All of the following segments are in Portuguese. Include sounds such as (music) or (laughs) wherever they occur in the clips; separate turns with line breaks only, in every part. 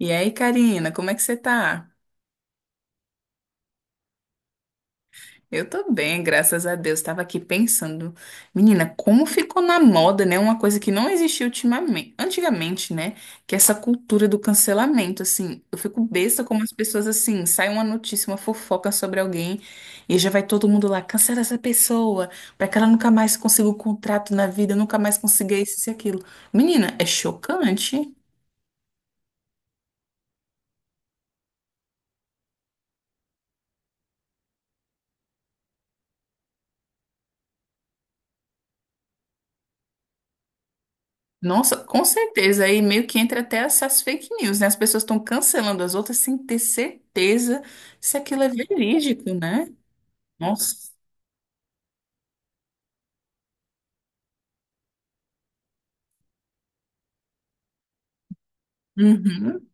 E aí, Karina, como é que você tá? Eu tô bem, graças a Deus. Tava aqui pensando, menina, como ficou na moda, né? Uma coisa que não existia ultimamente, antigamente, né? Que é essa cultura do cancelamento, assim. Eu fico besta como as pessoas, assim, sai uma notícia, uma fofoca sobre alguém e já vai todo mundo lá, cancela essa pessoa, pra que ela nunca mais consiga um contrato na vida, nunca mais consiga isso e aquilo. Menina, é chocante. Nossa, com certeza. Aí meio que entra até essas fake news, né? As pessoas estão cancelando as outras sem ter certeza se aquilo é verídico, né? Nossa. Uhum,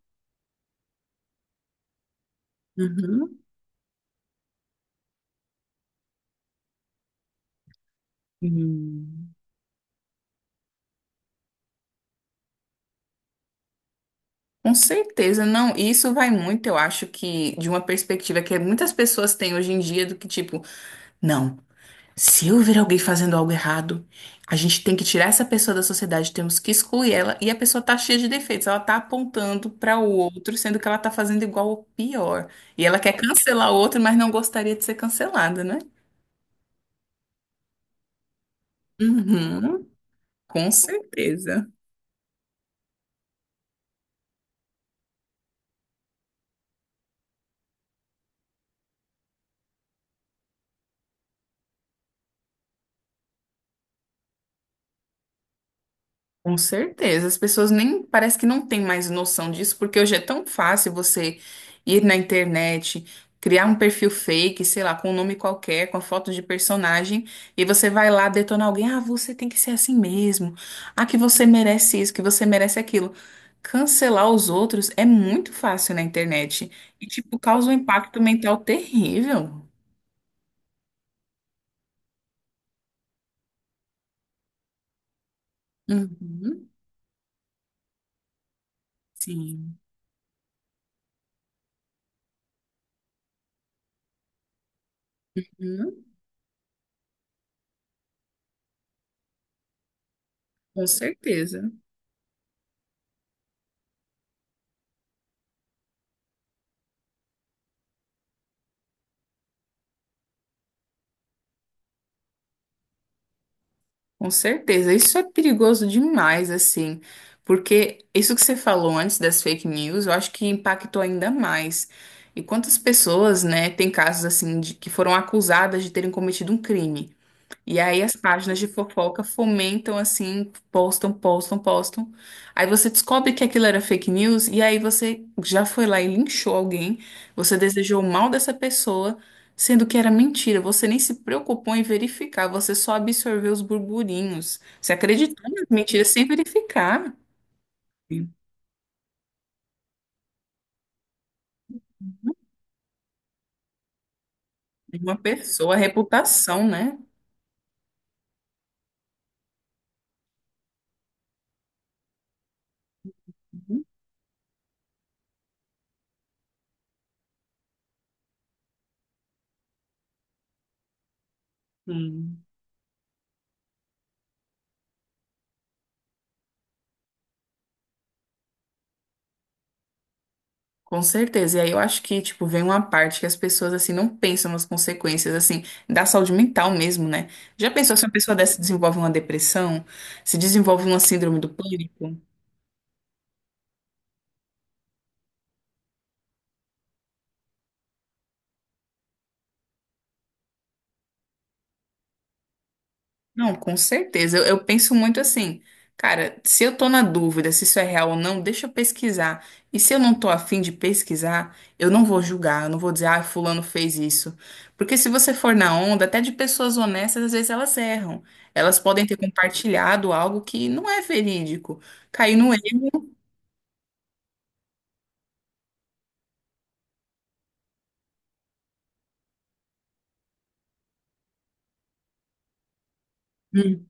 uhum. Hum. Com certeza, não. E isso vai muito, eu acho que, de uma perspectiva que muitas pessoas têm hoje em dia do que, tipo, não. Se eu ver alguém fazendo algo errado, a gente tem que tirar essa pessoa da sociedade, temos que excluir ela. E a pessoa tá cheia de defeitos, ela tá apontando para o outro, sendo que ela tá fazendo igual ou pior. E ela quer cancelar o outro, mas não gostaria de ser cancelada, né? Uhum, com certeza. Com certeza, as pessoas nem parece que não têm mais noção disso, porque hoje é tão fácil você ir na internet, criar um perfil fake, sei lá, com um nome qualquer, com a foto de personagem, e você vai lá detonar alguém, ah, você tem que ser assim mesmo, ah, que você merece isso, que você merece aquilo. Cancelar os outros é muito fácil na internet e, tipo, causa um impacto mental terrível. Uhum, sim, uhum, com certeza. Com certeza, isso é perigoso demais, assim, porque isso que você falou antes das fake news, eu acho que impactou ainda mais. E quantas pessoas, né, tem casos assim de que foram acusadas de terem cometido um crime. E aí as páginas de fofoca fomentam assim, postam, postam, postam. Aí você descobre que aquilo era fake news e aí você já foi lá e linchou alguém, você desejou o mal dessa pessoa, sendo que era mentira. Você nem se preocupou em verificar, você só absorveu os burburinhos. Você acreditou nas mentiras sem verificar. De Uma pessoa, a reputação, né? Sim. Com certeza. E aí eu acho que, tipo, vem uma parte que as pessoas, assim, não pensam nas consequências, assim, da saúde mental mesmo, né? Já pensou se uma pessoa dessa desenvolve uma depressão, se desenvolve uma síndrome do pânico? Não, com certeza. Eu penso muito assim, cara, se eu tô na dúvida se isso é real ou não, deixa eu pesquisar. E se eu não tô afim de pesquisar, eu não vou julgar, eu não vou dizer, ah, fulano fez isso. Porque se você for na onda, até de pessoas honestas, às vezes elas erram. Elas podem ter compartilhado algo que não é verídico. Caiu no erro.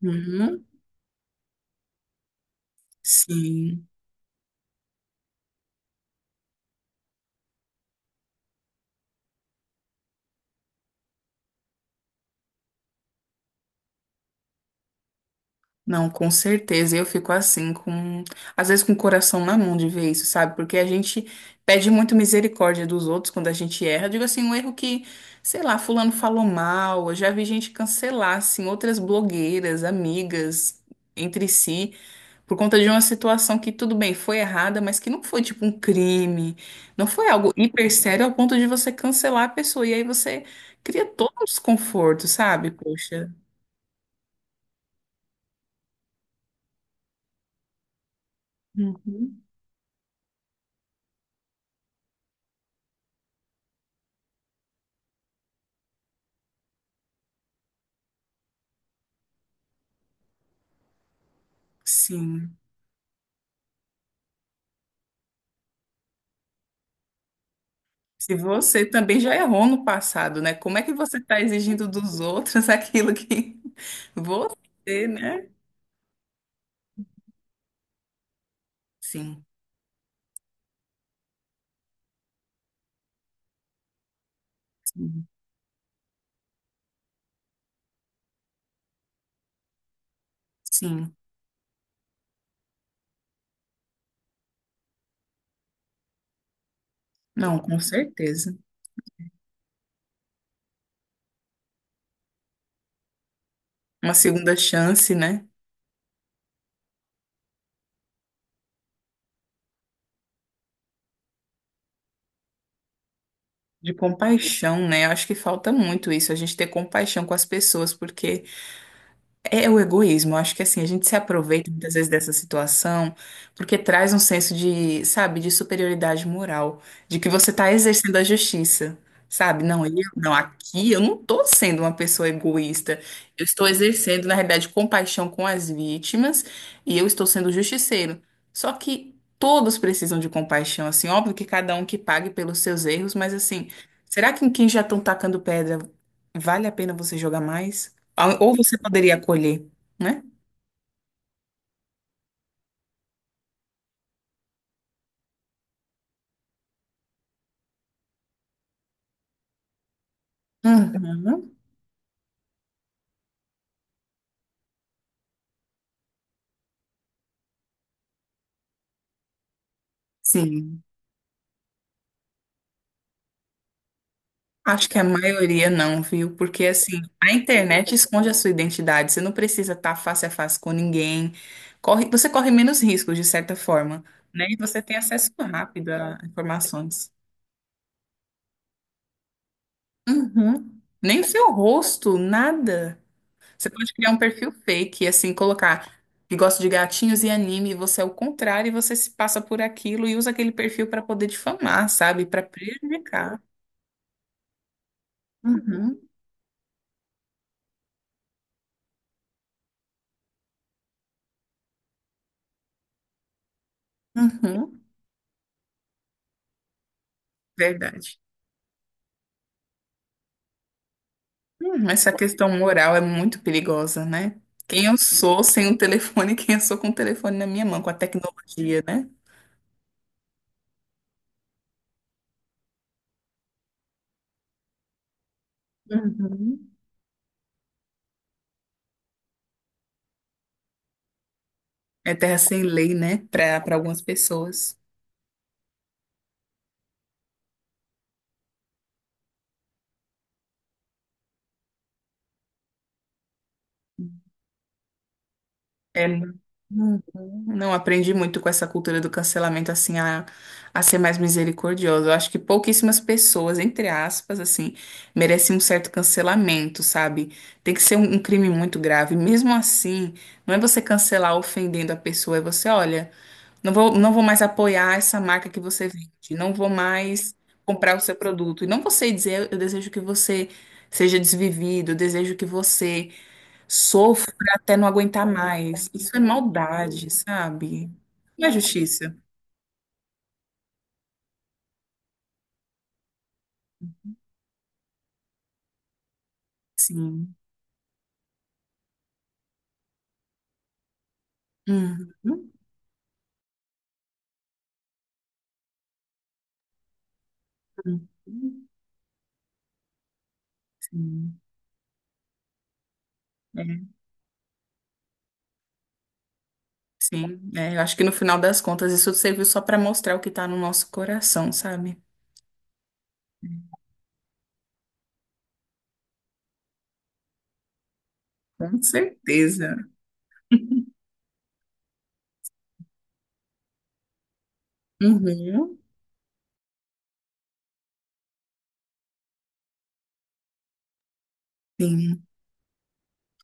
Uhum, sim. Não, com certeza. Eu fico assim, com às vezes com o coração na mão de ver isso, sabe? Porque a gente pede muito misericórdia dos outros quando a gente erra. Eu digo assim, um erro que, sei lá, fulano falou mal. Eu já vi gente cancelar, assim, outras blogueiras, amigas entre si, por conta de uma situação que, tudo bem, foi errada, mas que não foi tipo um crime, não foi algo hiper sério ao ponto de você cancelar a pessoa. E aí você cria todo um desconforto, sabe? Poxa. Uhum. Sim. Se você também já errou no passado, né? Como é que você está exigindo dos outros (laughs) aquilo que você, né? Sim, sim, sim. Não, com certeza. Uma segunda chance, né? De compaixão, né? Eu acho que falta muito isso, a gente ter compaixão com as pessoas, porque é o egoísmo, eu acho que assim, a gente se aproveita muitas vezes dessa situação porque traz um senso de, sabe, de superioridade moral, de que você está exercendo a justiça, sabe? Não, eu, não, aqui eu não estou sendo uma pessoa egoísta, eu estou exercendo, na realidade, compaixão com as vítimas e eu estou sendo justiceiro. Só que todos precisam de compaixão, assim, óbvio que cada um que pague pelos seus erros, mas assim, será que em quem já estão tacando pedra vale a pena você jogar mais? Ah, ou você poderia acolher, né? Uhum. Sim. Acho que a maioria não, viu? Porque assim, a internet esconde a sua identidade. Você não precisa estar face a face com ninguém. Corre, você corre menos riscos, de certa forma, né? E você tem acesso rápido a informações. Uhum. Nem o seu rosto, nada. Você pode criar um perfil fake, assim, colocar que gosta de gatinhos e anime, e você é o contrário, e você se passa por aquilo e usa aquele perfil para poder difamar, sabe? Para prejudicar. Uhum, uhum, verdade. Essa questão moral é muito perigosa, né? Quem eu sou sem o telefone, (laughs) quem eu sou com o telefone na minha mão, com a tecnologia, né? Uhum. É terra sem lei, né? Para algumas pessoas. É. Uhum. Não aprendi muito com essa cultura do cancelamento, assim, a ser mais misericordiosa. Eu acho que pouquíssimas pessoas, entre aspas, assim, merecem um certo cancelamento, sabe? Tem que ser um crime muito grave. Mesmo assim, não é você cancelar ofendendo a pessoa, é você, olha, não vou, não vou mais apoiar essa marca que você vende, não vou mais comprar o seu produto. E não você dizer, eu desejo que você seja desvivido, eu desejo que você sofra até não aguentar mais. Isso é maldade, sabe? Não é justiça. Sim. Uhum. Uhum. Sim. É. Sim. É, eu acho que no final das contas isso serviu só para mostrar o que está no nosso coração, sabe? Com certeza. Uhum. Sim.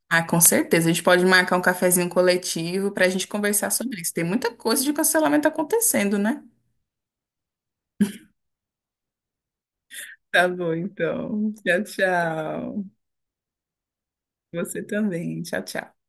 Ah, com certeza. A gente pode marcar um cafezinho coletivo para a gente conversar sobre isso. Tem muita coisa de cancelamento acontecendo, né? Tá bom, então. Tchau, tchau. Você também. Tchau, tchau.